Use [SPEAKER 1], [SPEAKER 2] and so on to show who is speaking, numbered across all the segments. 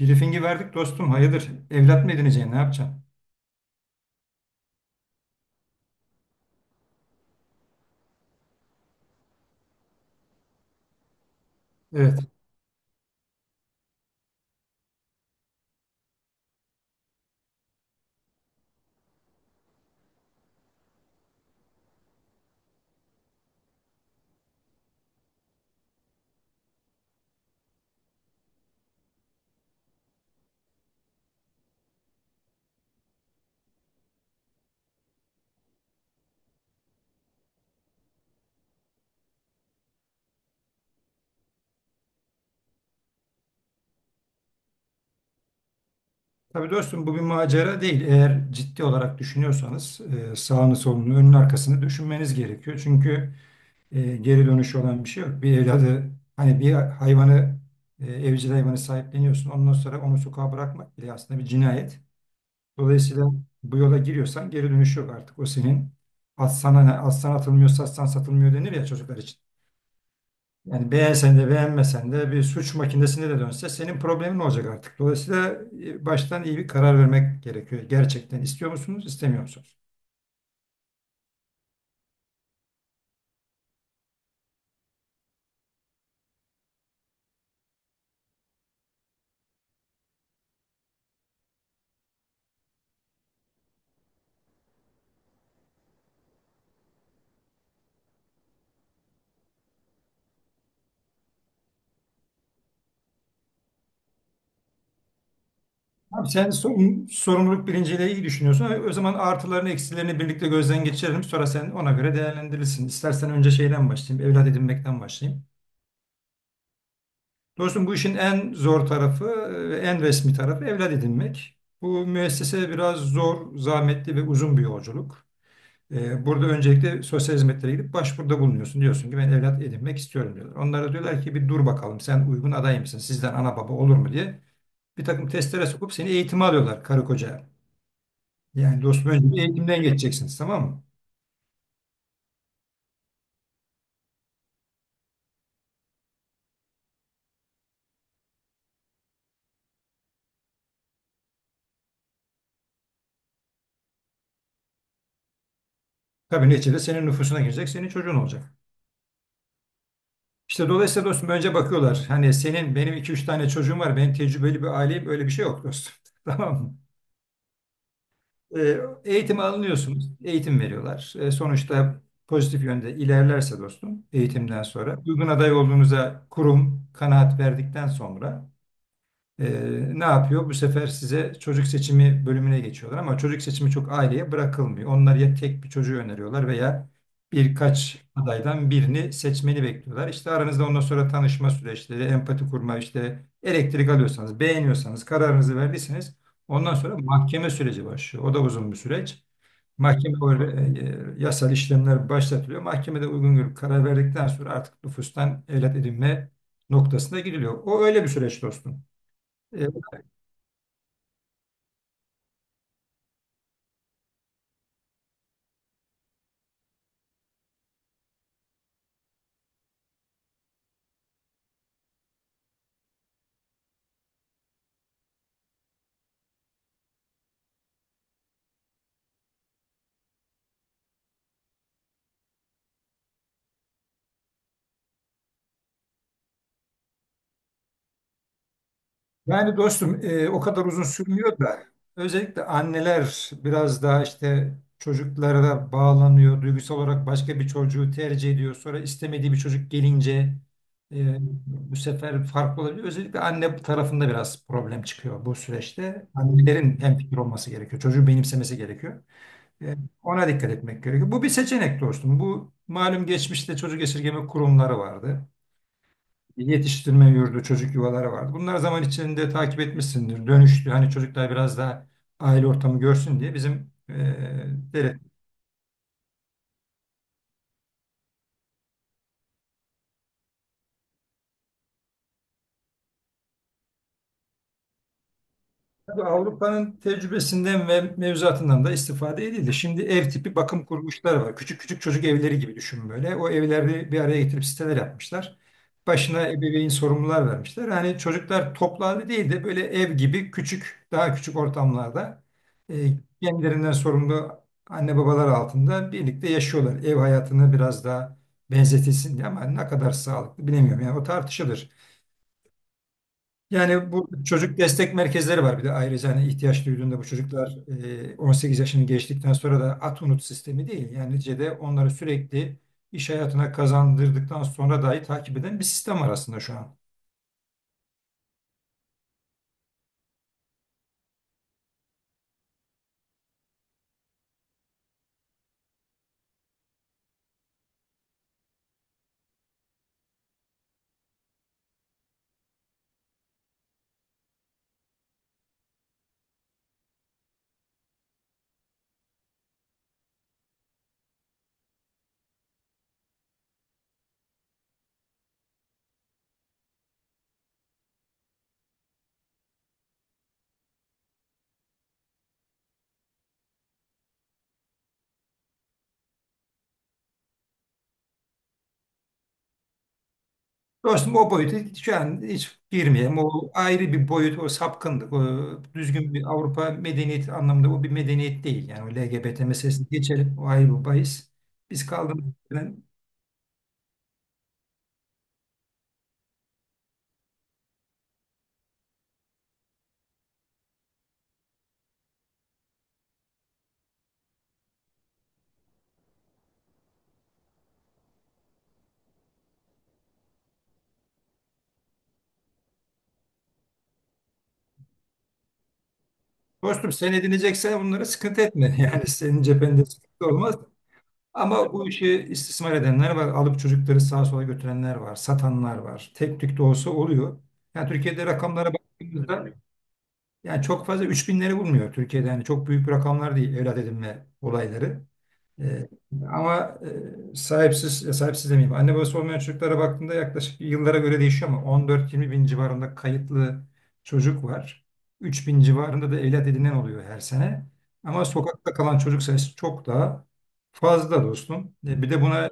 [SPEAKER 1] Briefing'i verdik dostum. Hayırdır? Evlat mı edineceksin? Ne yapacaksın? Evet. Tabii dostum bu bir macera değil. Eğer ciddi olarak düşünüyorsanız sağını solunu önünü arkasını düşünmeniz gerekiyor. Çünkü geri dönüşü olan bir şey yok. Bir evladı hani bir hayvanı evcil hayvanı sahipleniyorsun. Ondan sonra onu sokağa bırakmak bile aslında bir cinayet. Dolayısıyla bu yola giriyorsan geri dönüşü yok artık. O senin atsan, hani atsan atılmıyor satsan satılmıyor denir ya çocuklar için. Yani beğensen de beğenmesen de bir suç makinesine de dönse senin problemin olacak artık. Dolayısıyla baştan iyi bir karar vermek gerekiyor. Gerçekten istiyor musunuz, istemiyor musunuz? Abi sen sorumluluk bilinciyle iyi düşünüyorsun. O zaman artılarını eksilerini birlikte gözden geçirelim. Sonra sen ona göre değerlendirirsin. İstersen önce şeyden başlayayım, evlat edinmekten başlayayım. Dostum bu işin en zor tarafı ve en resmi tarafı evlat edinmek. Bu müessese biraz zor, zahmetli ve uzun bir yolculuk. Burada öncelikle sosyal hizmetlere gidip başvuruda bulunuyorsun. Diyorsun ki ben evlat edinmek istiyorum diyorlar. Onlara diyorlar ki bir dur bakalım sen uygun aday mısın? Sizden ana baba olur mu diye bir takım testlere sokup seni eğitime alıyorlar karı koca. Yani dostum önce bir eğitimden geçeceksiniz tamam mı? Tabii neticede senin nüfusuna girecek, senin çocuğun olacak. İşte dolayısıyla dostum önce bakıyorlar. Hani senin benim iki üç tane çocuğum var. Ben tecrübeli bir aileyim. Öyle bir şey yok dostum. Tamam mı? E, eğitimi alınıyorsunuz. Eğitim veriyorlar. Sonuçta pozitif yönde ilerlerse dostum eğitimden sonra uygun aday olduğunuza kurum kanaat verdikten sonra ne yapıyor? Bu sefer size çocuk seçimi bölümüne geçiyorlar ama çocuk seçimi çok aileye bırakılmıyor. Onlar ya tek bir çocuğu öneriyorlar veya birkaç adaydan birini seçmeni bekliyorlar. İşte aranızda ondan sonra tanışma süreçleri, empati kurma, işte elektrik alıyorsanız, beğeniyorsanız, kararınızı verdiyseniz ondan sonra mahkeme süreci başlıyor. O da uzun bir süreç. Mahkeme e, yasal işlemler başlatılıyor. Mahkemede uygun görüp karar verdikten sonra artık nüfustan evlat edinme noktasına gidiliyor. O öyle bir süreç dostum. Yani dostum o kadar uzun sürmüyor da özellikle anneler biraz daha işte çocuklara bağlanıyor. Duygusal olarak başka bir çocuğu tercih ediyor. Sonra istemediği bir çocuk gelince e, bu sefer farklı olabiliyor. Özellikle anne tarafında biraz problem çıkıyor bu süreçte. Annelerin hemfikir olması gerekiyor. Çocuğu benimsemesi gerekiyor. E, ona dikkat etmek gerekiyor. Bu bir seçenek dostum. Bu malum geçmişte çocuk esirgeme kurumları vardı yetiştirme yurdu, çocuk yuvaları vardı. Bunlar zaman içinde takip etmişsindir. Dönüştü. Hani çocuklar biraz daha aile ortamı görsün diye bizim e, Tabii Avrupa'nın tecrübesinden ve mevzuatından da istifade edildi. Şimdi ev tipi bakım kuruluşları var. Küçük küçük çocuk evleri gibi düşün böyle. O evleri bir araya getirip siteler yapmışlar. Başına ebeveyn sorumlular vermişler. Hani çocuklar toplu halde değil de böyle ev gibi küçük, daha küçük ortamlarda e, kendilerinden sorumlu anne babalar altında birlikte yaşıyorlar. Ev hayatını biraz daha benzetilsin diye ama ne kadar sağlıklı bilemiyorum. Yani o tartışılır. Yani bu çocuk destek merkezleri var bir de ayrıca hani ihtiyaç duyduğunda bu çocuklar 18 yaşını geçtikten sonra da at unut sistemi değil. Yani neticede onları sürekli iş hayatına kazandırdıktan sonra dahi takip eden bir sistem var aslında şu an. Dostum o boyutu şu an hiç girmeyelim. O ayrı bir boyut, o sapkınlık. O düzgün bir Avrupa medeniyeti anlamında o bir medeniyet değil. Yani o LGBT meselesini geçelim. O ayrı bir bahis. Biz kaldığımız yerden- Dostum sen edineceksen bunları sıkıntı etme. Yani senin cephende sıkıntı olmaz. Ama bu işi istismar edenler var. Alıp çocukları sağa sola götürenler var. Satanlar var. Tek tük de olsa oluyor. Yani Türkiye'de rakamlara baktığımızda yani çok fazla üç binleri bulmuyor Türkiye'de. Yani çok büyük rakamlar değil evlat edinme olayları. Ee, ama sahipsiz, sahipsiz demeyeyim. Anne babası olmayan çocuklara baktığında yaklaşık yıllara göre değişiyor ama 14-20 bin civarında kayıtlı çocuk var. 3 bin civarında da evlat edinen oluyor her sene. Ama sokakta kalan çocuk sayısı çok daha fazla dostum. Bir de buna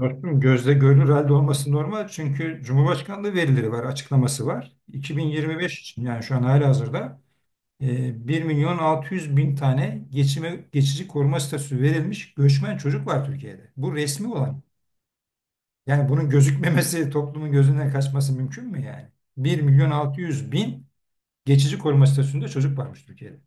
[SPEAKER 1] dostum gözle görünür halde olması normal. Çünkü Cumhurbaşkanlığı verileri var, açıklaması var. 2025 için yani şu an halihazırda 1 milyon 600 bin tane geçici koruma statüsü verilmiş göçmen çocuk var Türkiye'de. Bu resmi olan. Yani bunun gözükmemesi, toplumun gözünden kaçması mümkün mü yani? 1 milyon 600 bin geçici koruma statüsünde çocuk varmış Türkiye'de.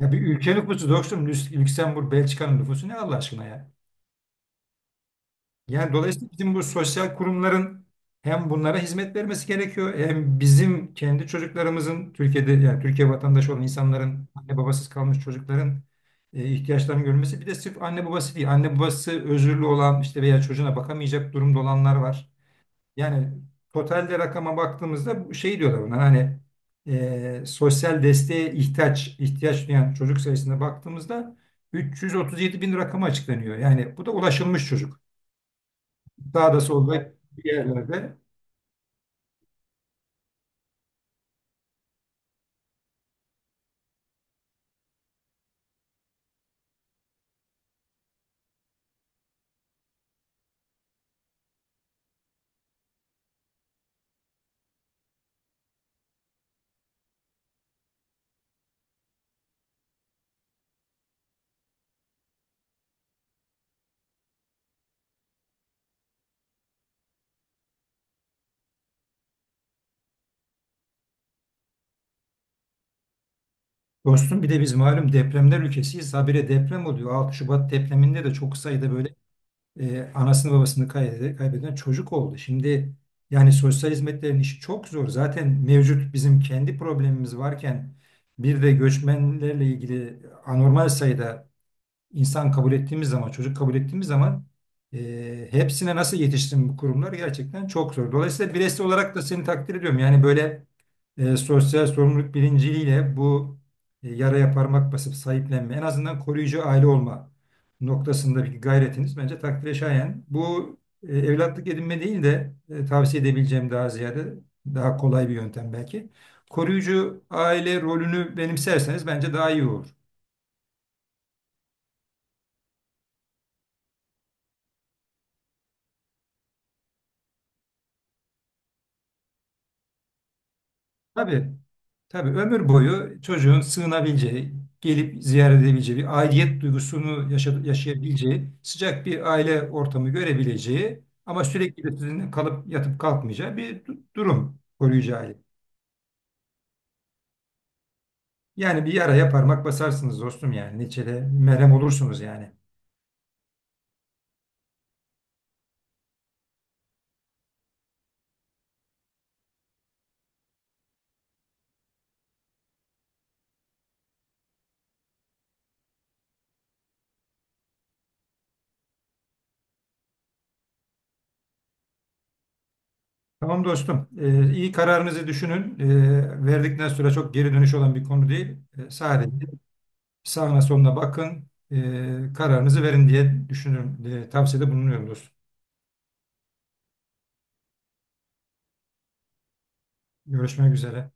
[SPEAKER 1] Ya bir ülke nüfusu dostum, Lüksemburg, Belçika'nın nüfusu ne Allah aşkına ya? Yani dolayısıyla bizim bu sosyal kurumların hem bunlara hizmet vermesi gerekiyor hem bizim kendi çocuklarımızın Türkiye'de yani Türkiye vatandaşı olan insanların anne babasız kalmış çocukların ihtiyaçlarını görmesi bir de sırf anne babası değil anne babası özürlü olan işte veya çocuğuna bakamayacak durumda olanlar var. Yani totalde rakama baktığımızda bu şey diyorlar bunlar hani sosyal desteğe ihtiyaç duyan çocuk sayısına baktığımızda 337 bin rakamı açıklanıyor. Yani bu da ulaşılmış çocuk. Sağda solda bir yerlerde. Dostum bir de biz malum depremler ülkesiyiz. Habire deprem oluyor. 6 Şubat depreminde de çok sayıda böyle anasını babasını kaybeden çocuk oldu. Şimdi yani sosyal hizmetlerin işi çok zor. Zaten mevcut bizim kendi problemimiz varken bir de göçmenlerle ilgili anormal sayıda insan kabul ettiğimiz zaman, çocuk kabul ettiğimiz zaman hepsine nasıl yetişsin bu kurumlar gerçekten çok zor. Dolayısıyla bireysel olarak da seni takdir ediyorum. Yani böyle sosyal sorumluluk bilinciyle bu yaraya parmak basıp sahiplenme, en azından koruyucu aile olma noktasındaki gayretiniz bence takdire şayan. Bu evlatlık edinme değil de tavsiye edebileceğim daha ziyade daha kolay bir yöntem belki. Koruyucu aile rolünü benimserseniz bence daha iyi olur. Tabii, tabii ömür boyu çocuğun sığınabileceği, gelip ziyaret edebileceği, bir aidiyet duygusunu yaşayabileceği, sıcak bir aile ortamı görebileceği ama sürekli de sizinle kalıp yatıp kalkmayacağı bir durum koruyucu aile. Yani bir yaraya parmak basarsınız dostum yani. Neçede merhem olursunuz yani. Tamam dostum. İyi kararınızı düşünün. Verdikten sonra çok geri dönüş olan bir konu değil. Sadece sağına soluna bakın, kararınızı verin diye düşünüyorum, diye tavsiyede bulunuyoruz. Görüşmek üzere.